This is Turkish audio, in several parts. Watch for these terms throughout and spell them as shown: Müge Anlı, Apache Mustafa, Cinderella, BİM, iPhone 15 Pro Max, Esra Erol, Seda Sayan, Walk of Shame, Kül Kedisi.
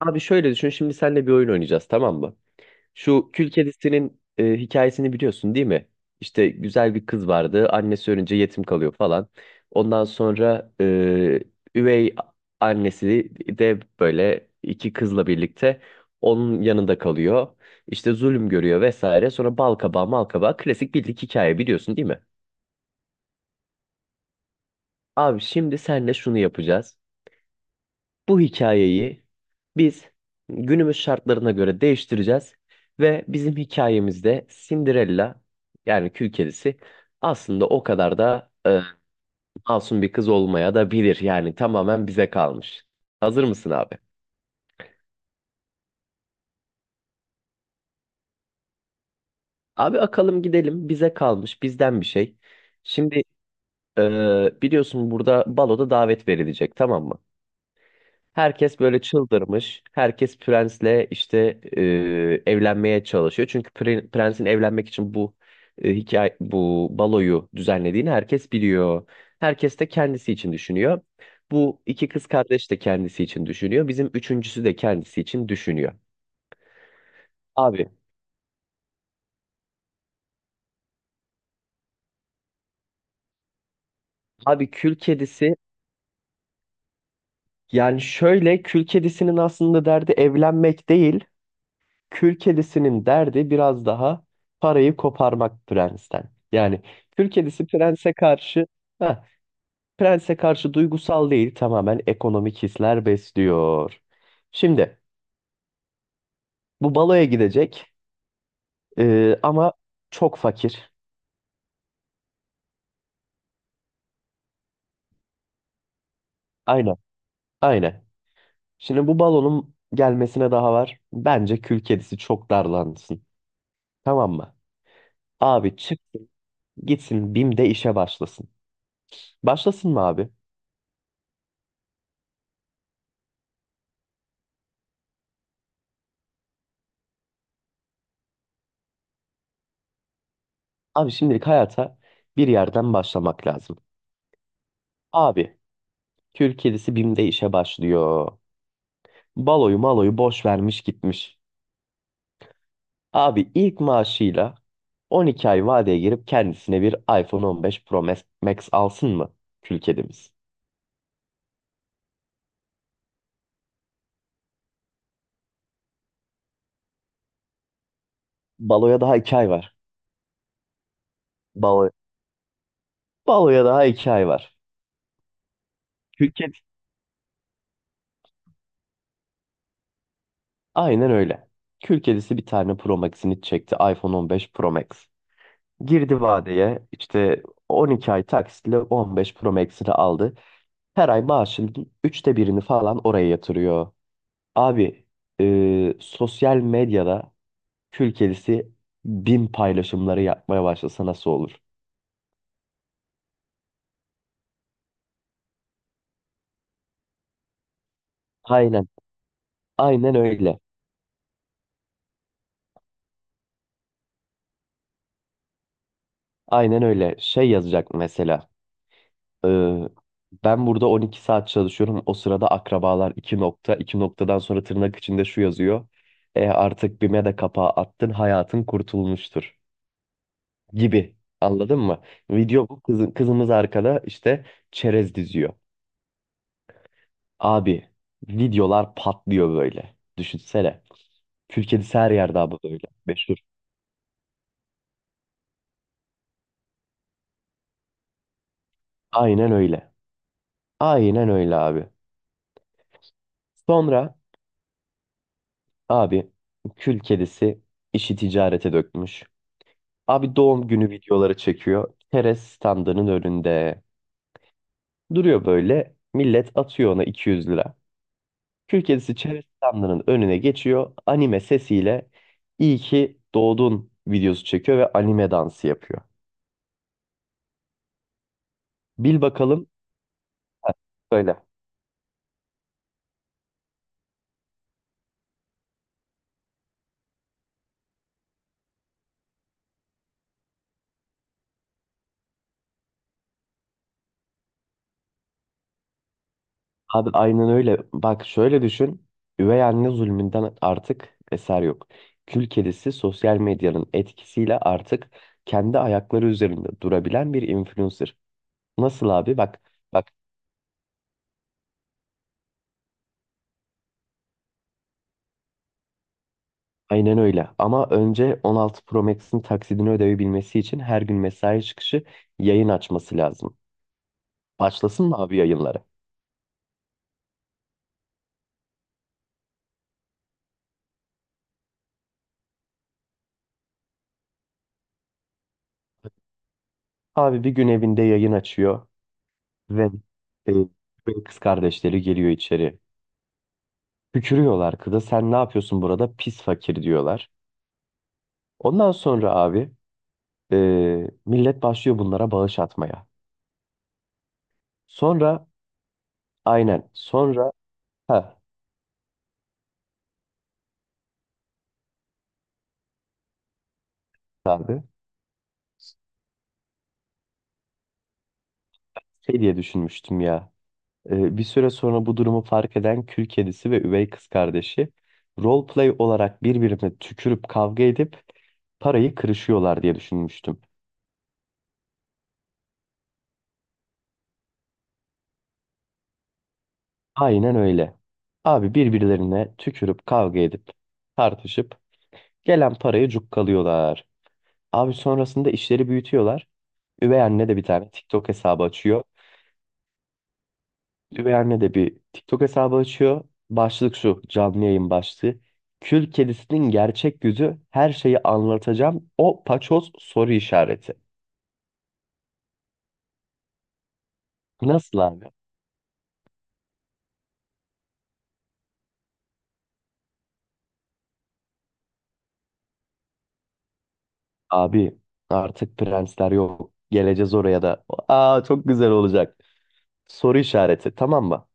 Abi şöyle düşün şimdi, seninle bir oyun oynayacağız, tamam mı? Şu Kül Kedisi'nin hikayesini biliyorsun, değil mi? İşte güzel bir kız vardı, annesi ölünce yetim kalıyor falan. Ondan sonra üvey annesi de böyle iki kızla birlikte onun yanında kalıyor. İşte zulüm görüyor vesaire, sonra bal kabağı mal kabağı, klasik bildik hikaye, biliyorsun değil mi? Abi şimdi senle şunu yapacağız. Bu hikayeyi biz günümüz şartlarına göre değiştireceğiz ve bizim hikayemizde Cinderella, yani Kül Kedisi, aslında o kadar da masum bir kız olmaya da bilir. Yani tamamen bize kalmış. Hazır mısın abi? Abi akalım gidelim, bize kalmış bizden bir şey. Şimdi biliyorsun, burada baloda davet verilecek, tamam mı? Herkes böyle çıldırmış. Herkes prensle işte evlenmeye çalışıyor. Çünkü prensin evlenmek için bu hikaye, bu baloyu düzenlediğini herkes biliyor. Herkes de kendisi için düşünüyor. Bu iki kız kardeş de kendisi için düşünüyor. Bizim üçüncüsü de kendisi için düşünüyor. Abi, abi kül kedisi, yani şöyle, kül kedisinin aslında derdi evlenmek değil. Kül kedisinin derdi biraz daha parayı koparmak prensten. Yani kül kedisi heh, prense karşı duygusal değil, tamamen ekonomik hisler besliyor. Şimdi bu baloya gidecek, ama çok fakir. Aynen, aynen. Şimdi bu balonun gelmesine daha var. Bence kül kedisi çok darlansın. Tamam mı? Abi çıksın gitsin, BİM'de işe başlasın. Başlasın mı abi? Abi şimdilik hayata bir yerden başlamak lazım. Abi Türk kedisi BİM'de işe başlıyor. Baloyu maloyu boş vermiş gitmiş. Abi ilk maaşıyla 12 ay vadeye girip kendisine bir iPhone 15 Pro Max alsın mı kül kedimiz? Baloya daha 2 ay var. Balo, baloya daha 2 ay var. Kül kedisi. Aynen öyle. Kül kedisi bir tane Pro Max'ini çekti. iPhone 15 Pro Max. Girdi vadeye, işte 12 ay taksitle 15 Pro Max'ini aldı. Her ay maaşının üçte birini falan oraya yatırıyor. Abi, sosyal medyada kül kedisi 1000 paylaşımları yapmaya başlasa nasıl olur? Aynen. Aynen öyle. Aynen öyle. Şey yazacak mesela. e, Ben burada 12 saat çalışıyorum. O sırada akrabalar 2 nokta. 2 noktadan sonra tırnak içinde şu yazıyor. Artık BİM'e de kapağı attın. Hayatın kurtulmuştur. Gibi. Anladın mı? Video bu. Kızımız arkada işte çerez diziyor. Abi videolar patlıyor böyle. Düşünsene. Kül kedisi her yerde abi böyle. Meşhur. Aynen öyle. Aynen öyle abi. Sonra abi kül kedisi işi ticarete dökmüş. Abi doğum günü videoları çekiyor. Keres standının önünde. Duruyor böyle. Millet atıyor ona 200 lira. Kül kedisi çerez standının önüne geçiyor. Anime sesiyle iyi ki doğdun videosu çekiyor ve anime dansı yapıyor. Bil bakalım. Söyle. Abi aynen öyle. Bak şöyle düşün. Üvey anne zulmünden artık eser yok. Kül kedisi sosyal medyanın etkisiyle artık kendi ayakları üzerinde durabilen bir influencer. Nasıl abi? Bak, bak, aynen öyle. Ama önce 16 Pro Max'in taksidini ödeyebilmesi için her gün mesai çıkışı yayın açması lazım. Başlasın mı abi yayınları? Abi bir gün evinde yayın açıyor ve kız kardeşleri geliyor içeri. Tükürüyorlar kıza, sen ne yapıyorsun burada pis fakir diyorlar. Ondan sonra abi, e, millet başlıyor bunlara bağış atmaya. Sonra aynen sonra ha abi, şey diye düşünmüştüm ya. Bir süre sonra bu durumu fark eden kül kedisi ve üvey kız kardeşi roleplay olarak birbirine tükürüp kavga edip parayı kırışıyorlar diye düşünmüştüm. Aynen öyle. Abi birbirlerine tükürüp kavga edip tartışıp gelen parayı cukkalıyorlar. Abi sonrasında işleri büyütüyorlar. Üvey anne de bir tane TikTok hesabı açıyor. Üvey anne de bir TikTok hesabı açıyor. Başlık şu, canlı yayın başlığı. Kül kedisinin gerçek yüzü, her şeyi anlatacağım. O paçoz, soru işareti. Nasıl abi? Abi artık prensler yok. Geleceğiz oraya da. Aa, çok güzel olacak. Soru işareti, tamam mı?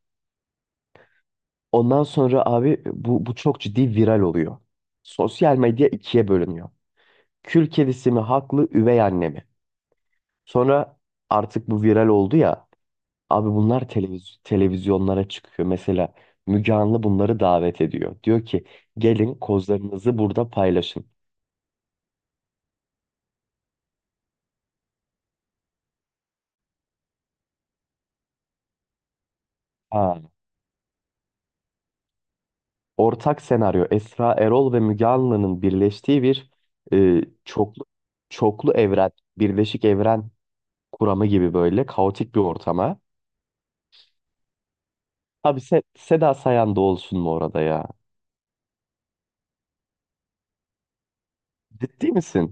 Ondan sonra abi, bu çok ciddi viral oluyor. Sosyal medya ikiye bölünüyor. Kül kedisi mi haklı, üvey anne mi? Sonra artık bu viral oldu ya. Abi bunlar televizyonlara çıkıyor. Mesela Müge Anlı bunları davet ediyor. Diyor ki, gelin kozlarınızı burada paylaşın. Ha. Ortak senaryo Esra Erol ve Müge Anlı'nın birleştiği bir e, çoklu, çoklu evren, birleşik evren kuramı gibi böyle kaotik bir ortama. Abi Seda Sayan da olsun mu orada ya? Ciddi misin?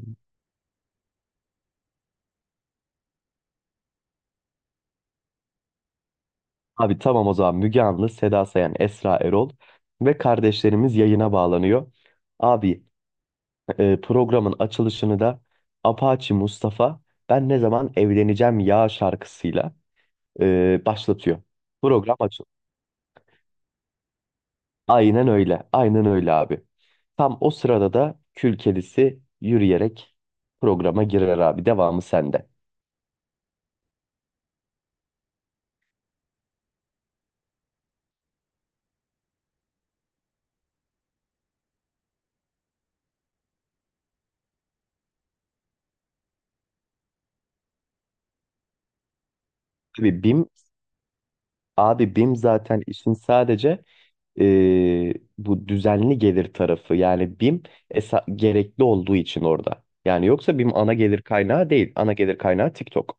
Abi tamam, o zaman Müge Anlı, Seda Sayan, Esra Erol ve kardeşlerimiz yayına bağlanıyor. Abi, programın açılışını da Apache Mustafa Ben Ne Zaman Evleneceğim Ya şarkısıyla başlatıyor. Program açılıyor. Aynen öyle. Aynen öyle abi. Tam o sırada da kül kedisi yürüyerek programa girer abi. Devamı sende. Abi BİM Abi BİM zaten işin sadece bu düzenli gelir tarafı. Yani BİM gerekli olduğu için orada. Yani yoksa BİM ana gelir kaynağı değil. Ana gelir kaynağı TikTok.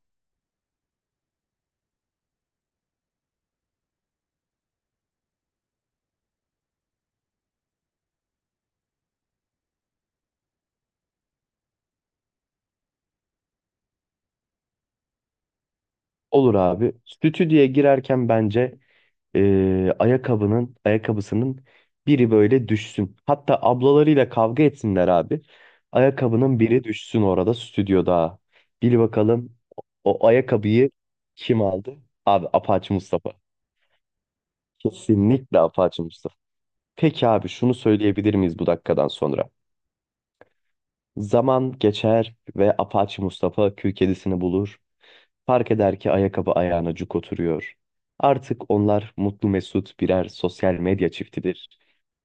Olur abi. Stüdyoya girerken bence, e, ayakkabının ayakkabısının biri böyle düşsün. Hatta ablalarıyla kavga etsinler abi. Ayakkabının biri düşsün orada stüdyoda. Bil bakalım, o ayakkabıyı kim aldı? Abi Apache Mustafa. Kesinlikle apaçı Mustafa. Peki abi, şunu söyleyebilir miyiz bu dakikadan sonra? Zaman geçer ve apaçı Mustafa kül kedisini bulur. Fark eder ki ayakkabı ayağına cuk oturuyor. Artık onlar mutlu mesut birer sosyal medya çiftidir.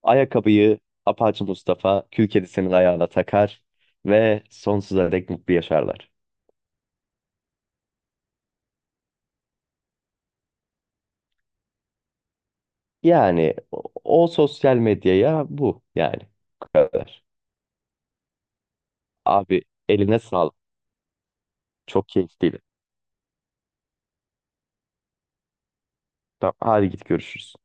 Ayakkabıyı apaçı Mustafa kül kedisinin ayağına takar ve sonsuza dek mutlu yaşarlar. Yani o sosyal medyaya bu, yani bu kadar. Abi eline sağlık. Çok keyifliydi. Tamam, hadi git görüşürüz.